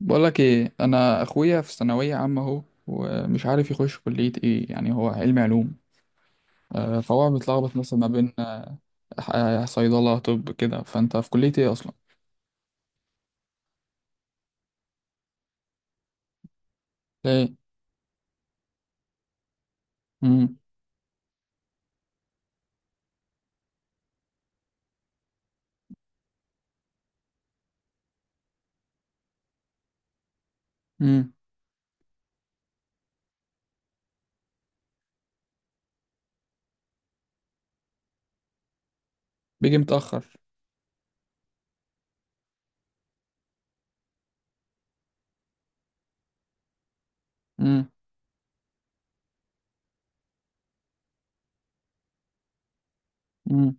بقولك ايه، انا اخويا في ثانويه عامه اهو، ومش عارف يخش كليه ايه. يعني هو علمي علوم. فهو متلخبط مثلا ما بين صيدله طب كده. فانت في كليه ايه اصلا؟ ليه؟ امم. امم. بيجي متاخر. امم. امم.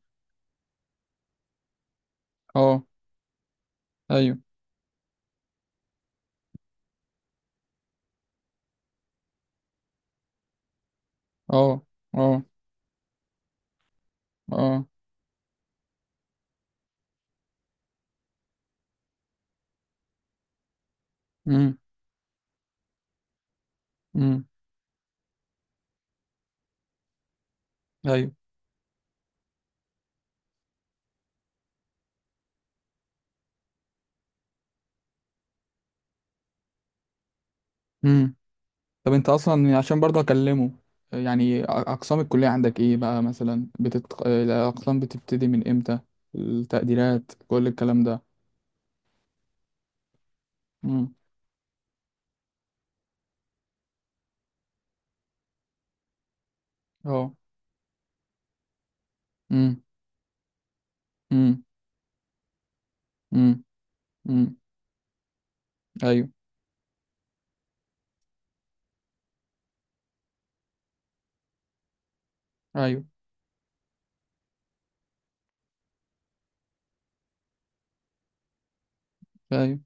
اه. ايوه. اه. اه. اه. امم. امم. ايوه. امم. طب انت اصلا، يعني عشان برضه اكلمه. يعني، اقسام الكليه عندك ايه بقى؟ مثلا الاقسام بتبتدي من امتى؟ التقديرات، كل الكلام ده. امم. اه. امم. امم. امم. امم. ايوه. ايوه. ايوه.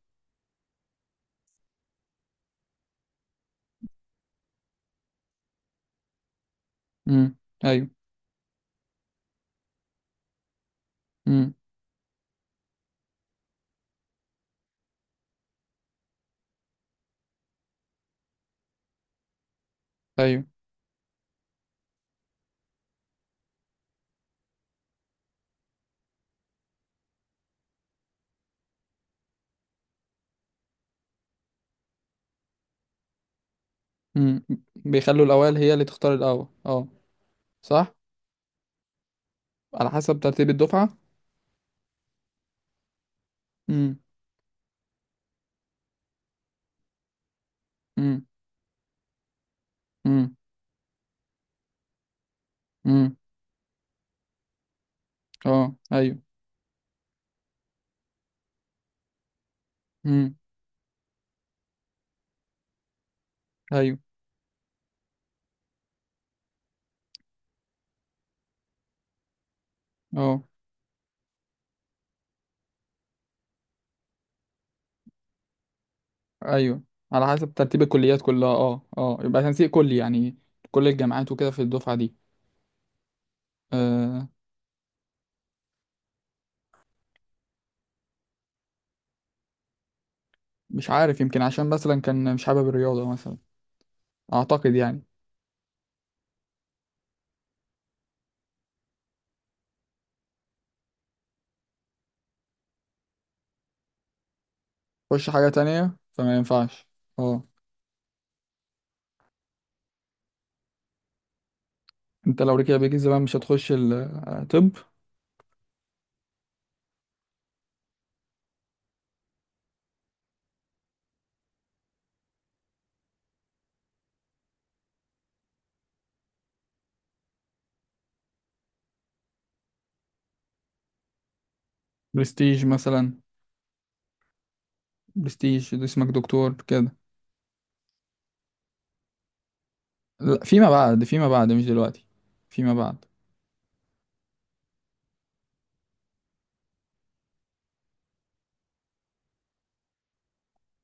امم. ايوه. امم. ايوه. امم. بيخلوا الاوائل هي اللي تختار الاول، اه. صح. على حسب ترتيب الدفعه. امم. امم. امم. امم. اه. ايوه. امم. ايوه. اه. ايوه. على حسب ترتيب الكليات كلها، اه اه، يبقى تنسيق كلي يعني. كل الجامعات وكده في الدفعه دي. آه مش عارف، يمكن عشان مثلا كان مش حابب الرياضه مثلا. اعتقد يعني. خش حاجه تانية فما ينفعش. اه. انت لو رجع بيك زمان، مش هتخش طب؟ برستيج مثلا. برستيج، ده اسمك دكتور كده. لا، فيما بعد فيما بعد، مش دلوقتي. فيما بعد.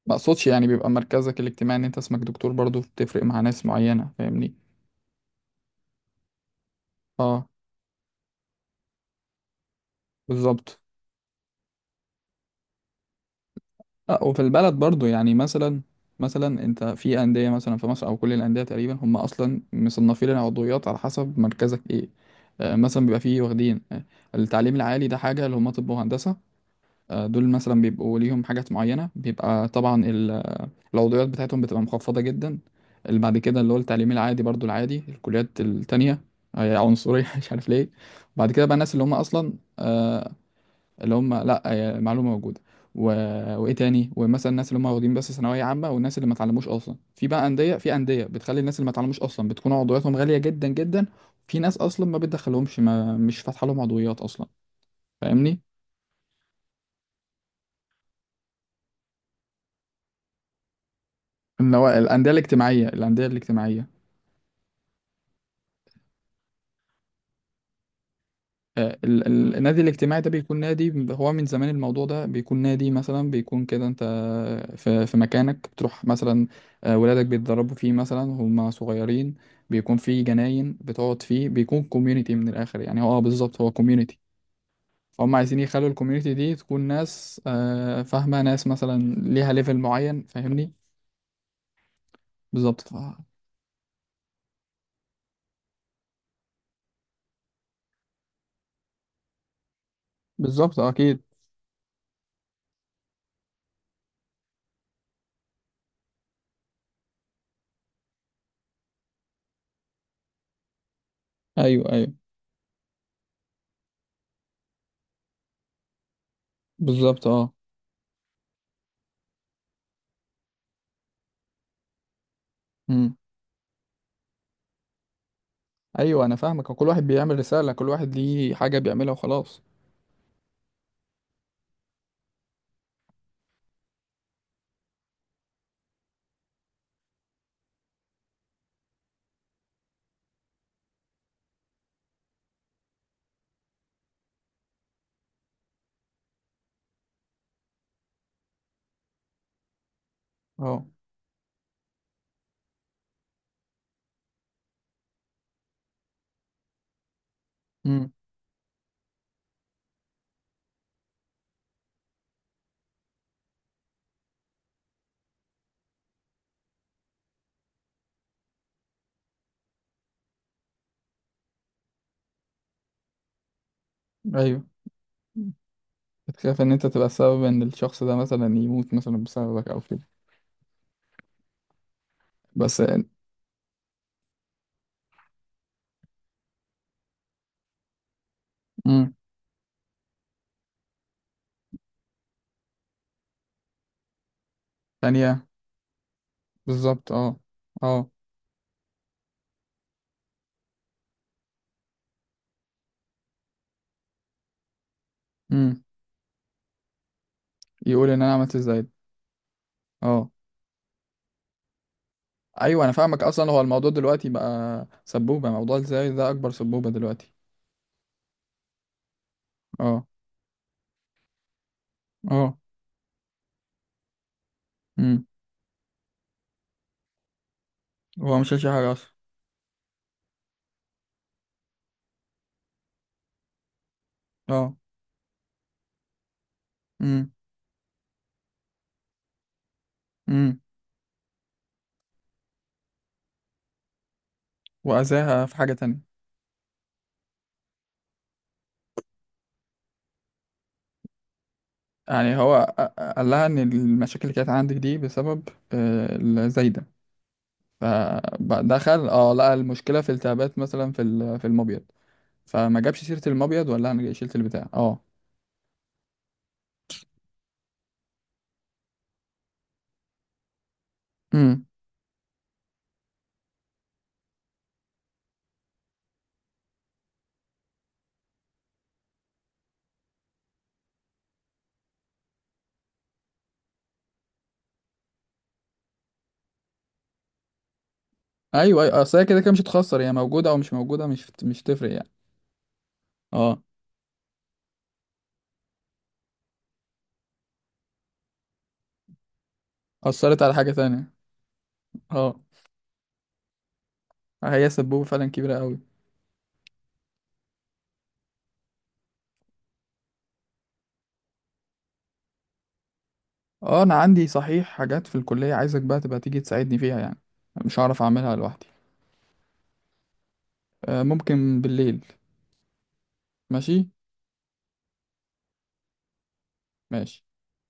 ما اقصدش، يعني بيبقى مركزك الاجتماعي ان انت اسمك دكتور برضو، بتفرق مع ناس معينة، فاهمني؟ اه، بالظبط. اه، وفي البلد برضو يعني، مثلا. مثلا انت في اندية، مثلا في مصر او كل الاندية تقريبا، هم اصلا مصنفين العضويات على حسب مركزك ايه. مثلا بيبقى فيه واخدين، التعليم العالي ده حاجة، اللي هم طب وهندسة. دول مثلا بيبقوا ليهم حاجات معينة، بيبقى طبعا العضويات بتاعتهم بتبقى مخفضة جدا. اللي بعد كده اللي هو التعليم العادي، برضو العادي، الكليات التانية. هي عنصرية مش عارف ليه. بعد كده بقى الناس اللي هم أصلا، آه، اللي هم، لأ هي معلومة موجودة. و... وإيه تاني، ومثلا الناس اللي هم واخدين بس ثانوية عامة، والناس اللي ما اتعلموش أصلا، في بقى أندية، في أندية بتخلي الناس اللي ما اتعلموش أصلا بتكون عضوياتهم غالية جدا جدا. في ناس أصلا ما بتدخلهمش، ما مش فاتحة لهم عضويات أصلا. فاهمني؟ اللي هو الأندية الاجتماعية، الأندية الاجتماعية. النادي الاجتماعي ده بيكون نادي، هو من زمان الموضوع ده، بيكون نادي مثلا، بيكون كده انت في مكانك بتروح مثلا. ولادك بيتدربوا فيه مثلا هم صغيرين. بيكون فيه جناين بتقعد فيه، بيكون كوميونيتي من الاخر يعني، هو اه بالظبط، هو كوميونيتي. فهم عايزين يخلوا الكوميونيتي دي تكون ناس فاهمة، ناس مثلا ليها ليفل معين، فاهمني؟ بالظبط، بالظبط اكيد. ايوه ايوه. بالظبط، اه. مم. ايوه، انا فاهمك، كل واحد بيعمل رسالة، كل واحد ليه حاجة بيعملها وخلاص. اه. امم. ايوه. بتخاف ان انت تبقى سبب ان الشخص ده مثلا يموت، مثلا بسببك او كده؟ بس. امم. ثانية. بالظبط، اه. اه. امم. يقول ان انا عملت ازاي؟ اه. ايوه، انا فاهمك، اصلا هو الموضوع دلوقتي بقى سبوبة، موضوع ازاي ده اكبر سبوبة دلوقتي. اه. اه. امم. هو مش شايل حاجة اصلا. اه. امم. امم. واذاها في حاجة تانية. يعني هو قال لها ان المشاكل اللي كانت عندك دي بسبب، الزايدة. فدخل، لقى المشكله في التهابات مثلا في المبيض. فما جابش سيره المبيض، ولا انا جاي شلت البتاع، اه. امم. ايوه ايوه، اصل هي كده كده مش هتخسر، هي موجوده او مش موجوده، مش تفرق يعني. اه. اثرت على حاجه تانية. اه. هي سبوبه فعلا كبيره قوي. اه، انا عندي صحيح حاجات في الكليه، عايزك بقى تبقى تيجي تساعدني فيها يعني. مش هعرف اعملها لوحدي. ممكن بالليل. ماشي. ماشي.